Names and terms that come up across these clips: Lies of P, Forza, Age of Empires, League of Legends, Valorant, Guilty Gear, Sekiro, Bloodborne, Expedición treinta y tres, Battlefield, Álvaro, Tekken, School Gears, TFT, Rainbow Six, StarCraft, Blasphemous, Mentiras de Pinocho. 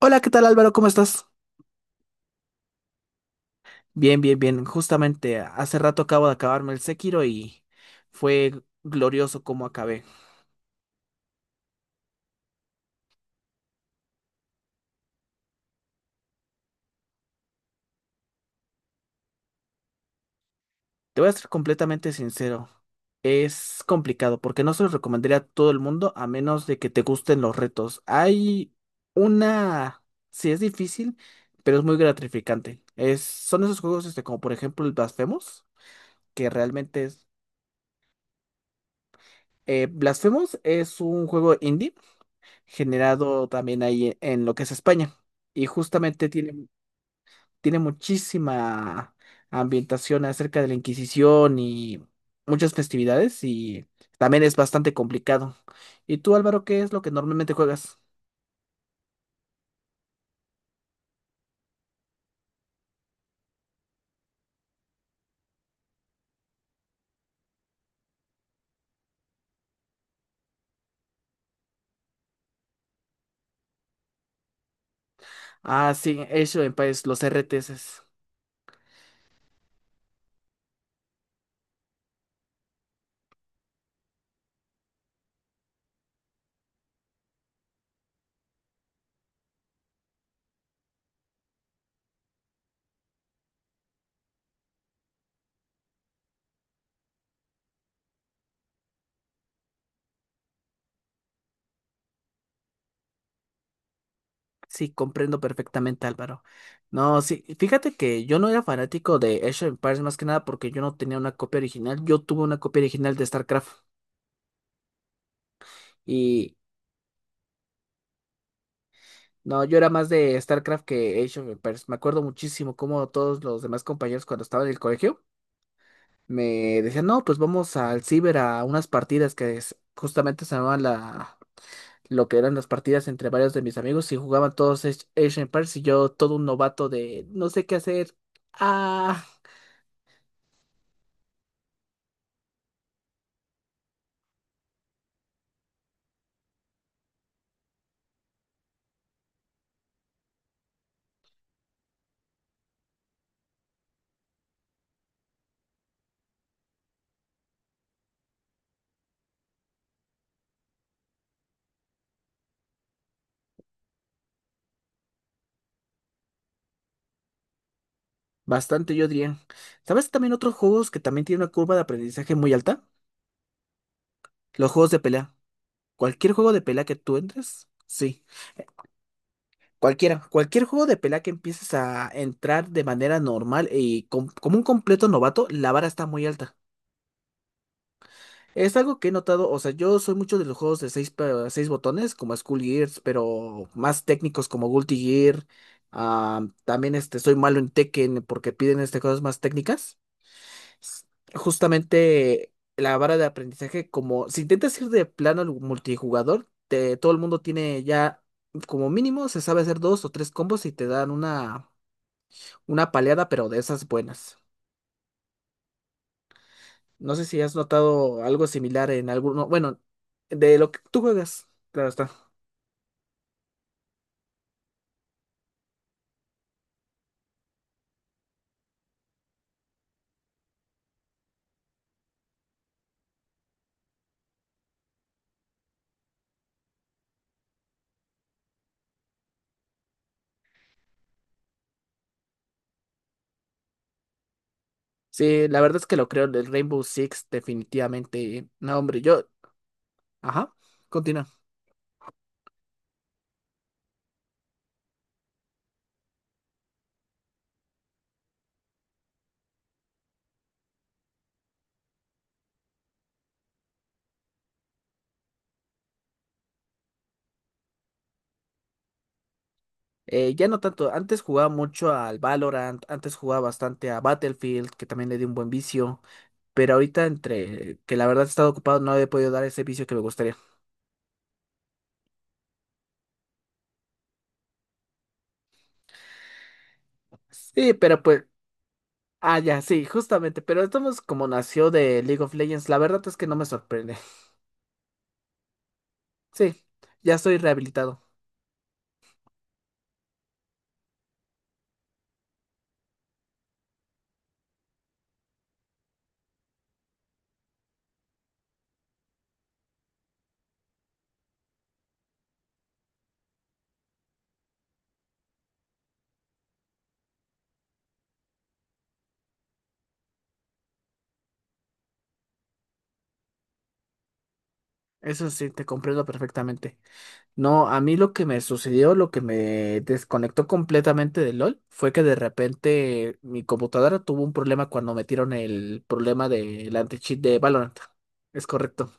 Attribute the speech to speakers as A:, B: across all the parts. A: Hola, ¿qué tal Álvaro? ¿Cómo estás? Bien, bien, bien. Justamente hace rato acabo de acabarme el Sekiro y fue glorioso como acabé. Te voy a ser completamente sincero. Es complicado porque no se lo recomendaría a todo el mundo a menos de que te gusten los retos. Hay una. Sí, es difícil, pero es muy gratificante. Son esos juegos este, como por ejemplo el Blasphemous, que realmente es. Blasphemous es un juego indie generado también ahí en lo que es España. Y justamente tiene muchísima ambientación acerca de la Inquisición y muchas festividades y también es bastante complicado. ¿Y tú, Álvaro, qué es lo que normalmente juegas? Ah, sí, eso en país, los RTS. Sí, comprendo perfectamente, Álvaro. No, sí, fíjate que yo no era fanático de Age of Empires más que nada porque yo no tenía una copia original. Yo tuve una copia original de StarCraft. No, yo era más de StarCraft que Age of Empires. Me acuerdo muchísimo cómo todos los demás compañeros cuando estaba en el colegio me decían, no, pues vamos al ciber a unas partidas justamente lo que eran las partidas entre varios de mis amigos y jugaban todos Age of Empires y yo todo un novato de no sé qué hacer. Ah, bastante yo diría. ¿Sabes también otros juegos que también tienen una curva de aprendizaje muy alta? Los juegos de pelea. Cualquier juego de pelea que tú entres, sí. Cualquiera, cualquier juego de pelea que empieces a entrar de manera normal y como un completo novato, la vara está muy alta. Es algo que he notado, o sea, yo soy mucho de los juegos de seis, seis botones, como School Gears, pero más técnicos como Guilty Gear. También este, soy malo en Tekken porque piden este, cosas más técnicas. S- Justamente la vara de aprendizaje, como si intentas ir de plano al multijugador, todo el mundo tiene ya como mínimo, se sabe hacer dos o tres combos y te dan una paleada, pero de esas buenas. No sé si has notado algo similar en alguno, bueno, de lo que tú juegas, claro está. Sí, la verdad es que lo creo, el Rainbow Six definitivamente. No, hombre, yo, ajá, continúa. Ya no tanto, antes jugaba mucho al Valorant, antes jugaba bastante a Battlefield, que también le di un buen vicio, pero ahorita entre que la verdad he estado ocupado no he podido dar ese vicio que me gustaría. Sí, pero pues, ya, sí, justamente, pero estamos como nació de League of Legends, la verdad es que no me sorprende. Sí, ya estoy rehabilitado. Eso sí, te comprendo perfectamente. No, a mí lo que me sucedió, lo que me desconectó completamente de LOL, fue que de repente mi computadora tuvo un problema cuando metieron el problema del anti-cheat de Valorant. Es correcto.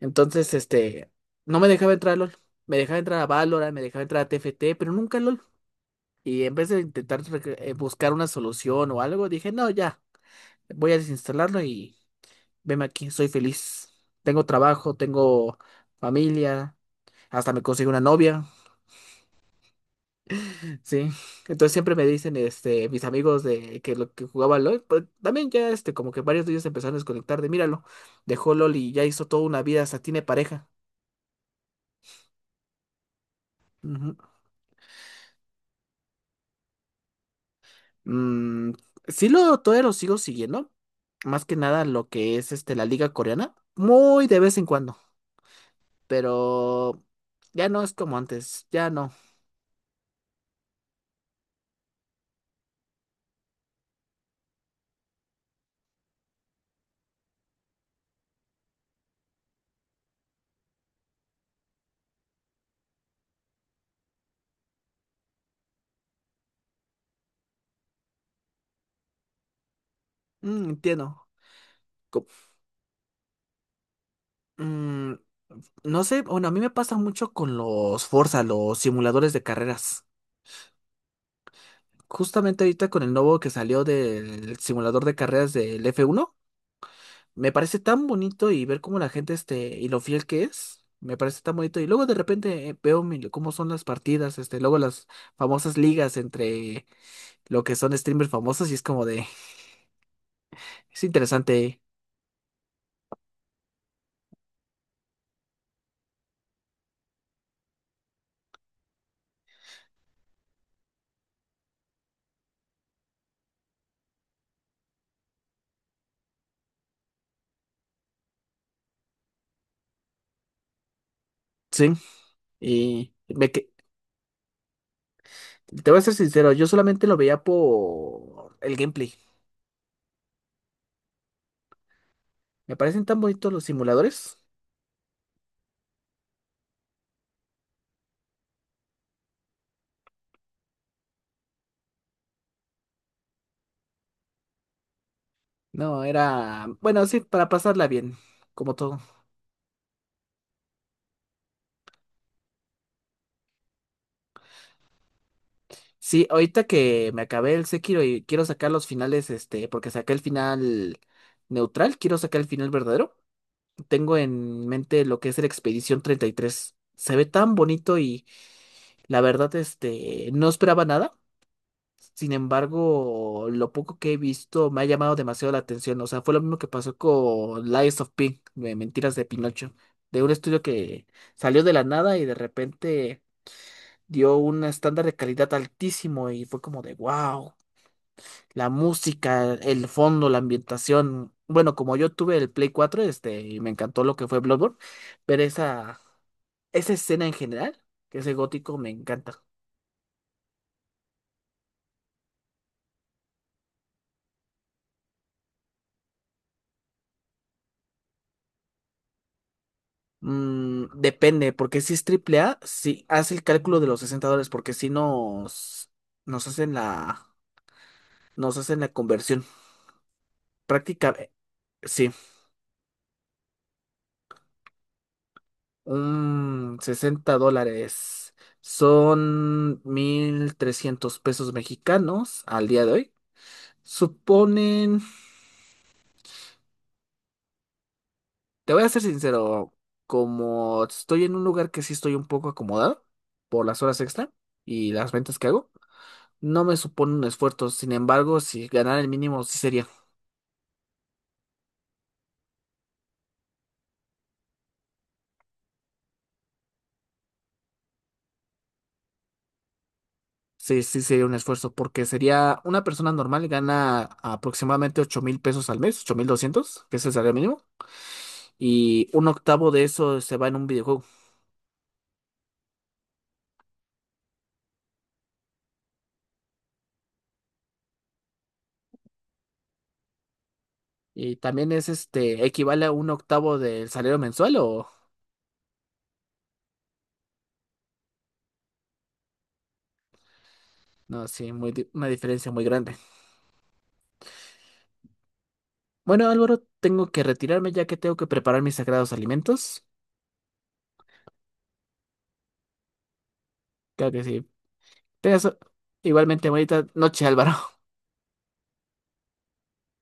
A: Entonces, este, no me dejaba entrar a LOL. Me dejaba entrar a Valorant, me dejaba entrar a TFT, pero nunca a LOL. Y en vez de intentar buscar una solución o algo, dije, no, ya, voy a desinstalarlo y veme aquí, soy feliz. Tengo trabajo, tengo familia, hasta me conseguí una novia, ¿sí? Entonces siempre me dicen, este, mis amigos de que lo que jugaba LOL, pues también ya, este, como que varios de ellos empezaron a desconectar de, míralo, dejó LOL y ya hizo toda una vida, hasta tiene pareja. Ujú. Mm, sí, todavía lo sigo siguiendo, más que nada lo que es, este, la liga coreana, muy de vez en cuando, pero ya no es como antes, ya no. Mm, entiendo. Co- Mm, No sé, bueno, a mí me pasa mucho con los Forza, los simuladores de carreras. Justamente ahorita con el nuevo que salió del simulador de carreras del F1 me parece tan bonito y ver cómo la gente este y lo fiel que es, me parece tan bonito. Y luego de repente veo cómo son las partidas, este, luego las famosas ligas entre lo que son streamers famosos y es interesante, sí. Y me, que- te voy a ser sincero, yo solamente lo veía por el gameplay. Me parecen tan bonitos los simuladores. No, era, bueno, sí, para pasarla bien, como todo. Sí, ahorita que me acabé el Sekiro y quiero sacar los finales, este, porque saqué el final neutral, quiero sacar el final verdadero. Tengo en mente lo que es el Expedición 33. Se ve tan bonito y la verdad, este, no esperaba nada. Sin embargo, lo poco que he visto me ha llamado demasiado la atención. O sea, fue lo mismo que pasó con Lies of P, de Mentiras de Pinocho, de un estudio que salió de la nada y de repente dio un estándar de calidad altísimo y fue como de wow. La música, el fondo, la ambientación. Bueno, como yo tuve el Play 4 este, y me encantó lo que fue Bloodborne, pero esa escena en general, que ese gótico, me encanta. Depende, porque si es triple A, si hace el cálculo de los $60, porque si nos hacen la, nos hacen la conversión. Práctica, sí. Un $60 son 1,300 pesos mexicanos al día de hoy. Suponen, te voy a ser sincero, como estoy en un lugar que sí estoy un poco acomodado por las horas extra y las ventas que hago, no me supone un esfuerzo. Sin embargo, si ganar el mínimo sí sería, sí, sí sería un esfuerzo porque sería una persona normal gana aproximadamente 8,000 pesos al mes, 8,200 que es el salario mínimo y un octavo de eso se va en un videojuego. Y también es este, equivale a un octavo del salario mensual o no, sí, muy, una diferencia muy grande. Bueno, Álvaro, tengo que retirarme ya que tengo que preparar mis sagrados alimentos. Claro que sí. Tengas igualmente bonita noche, Álvaro.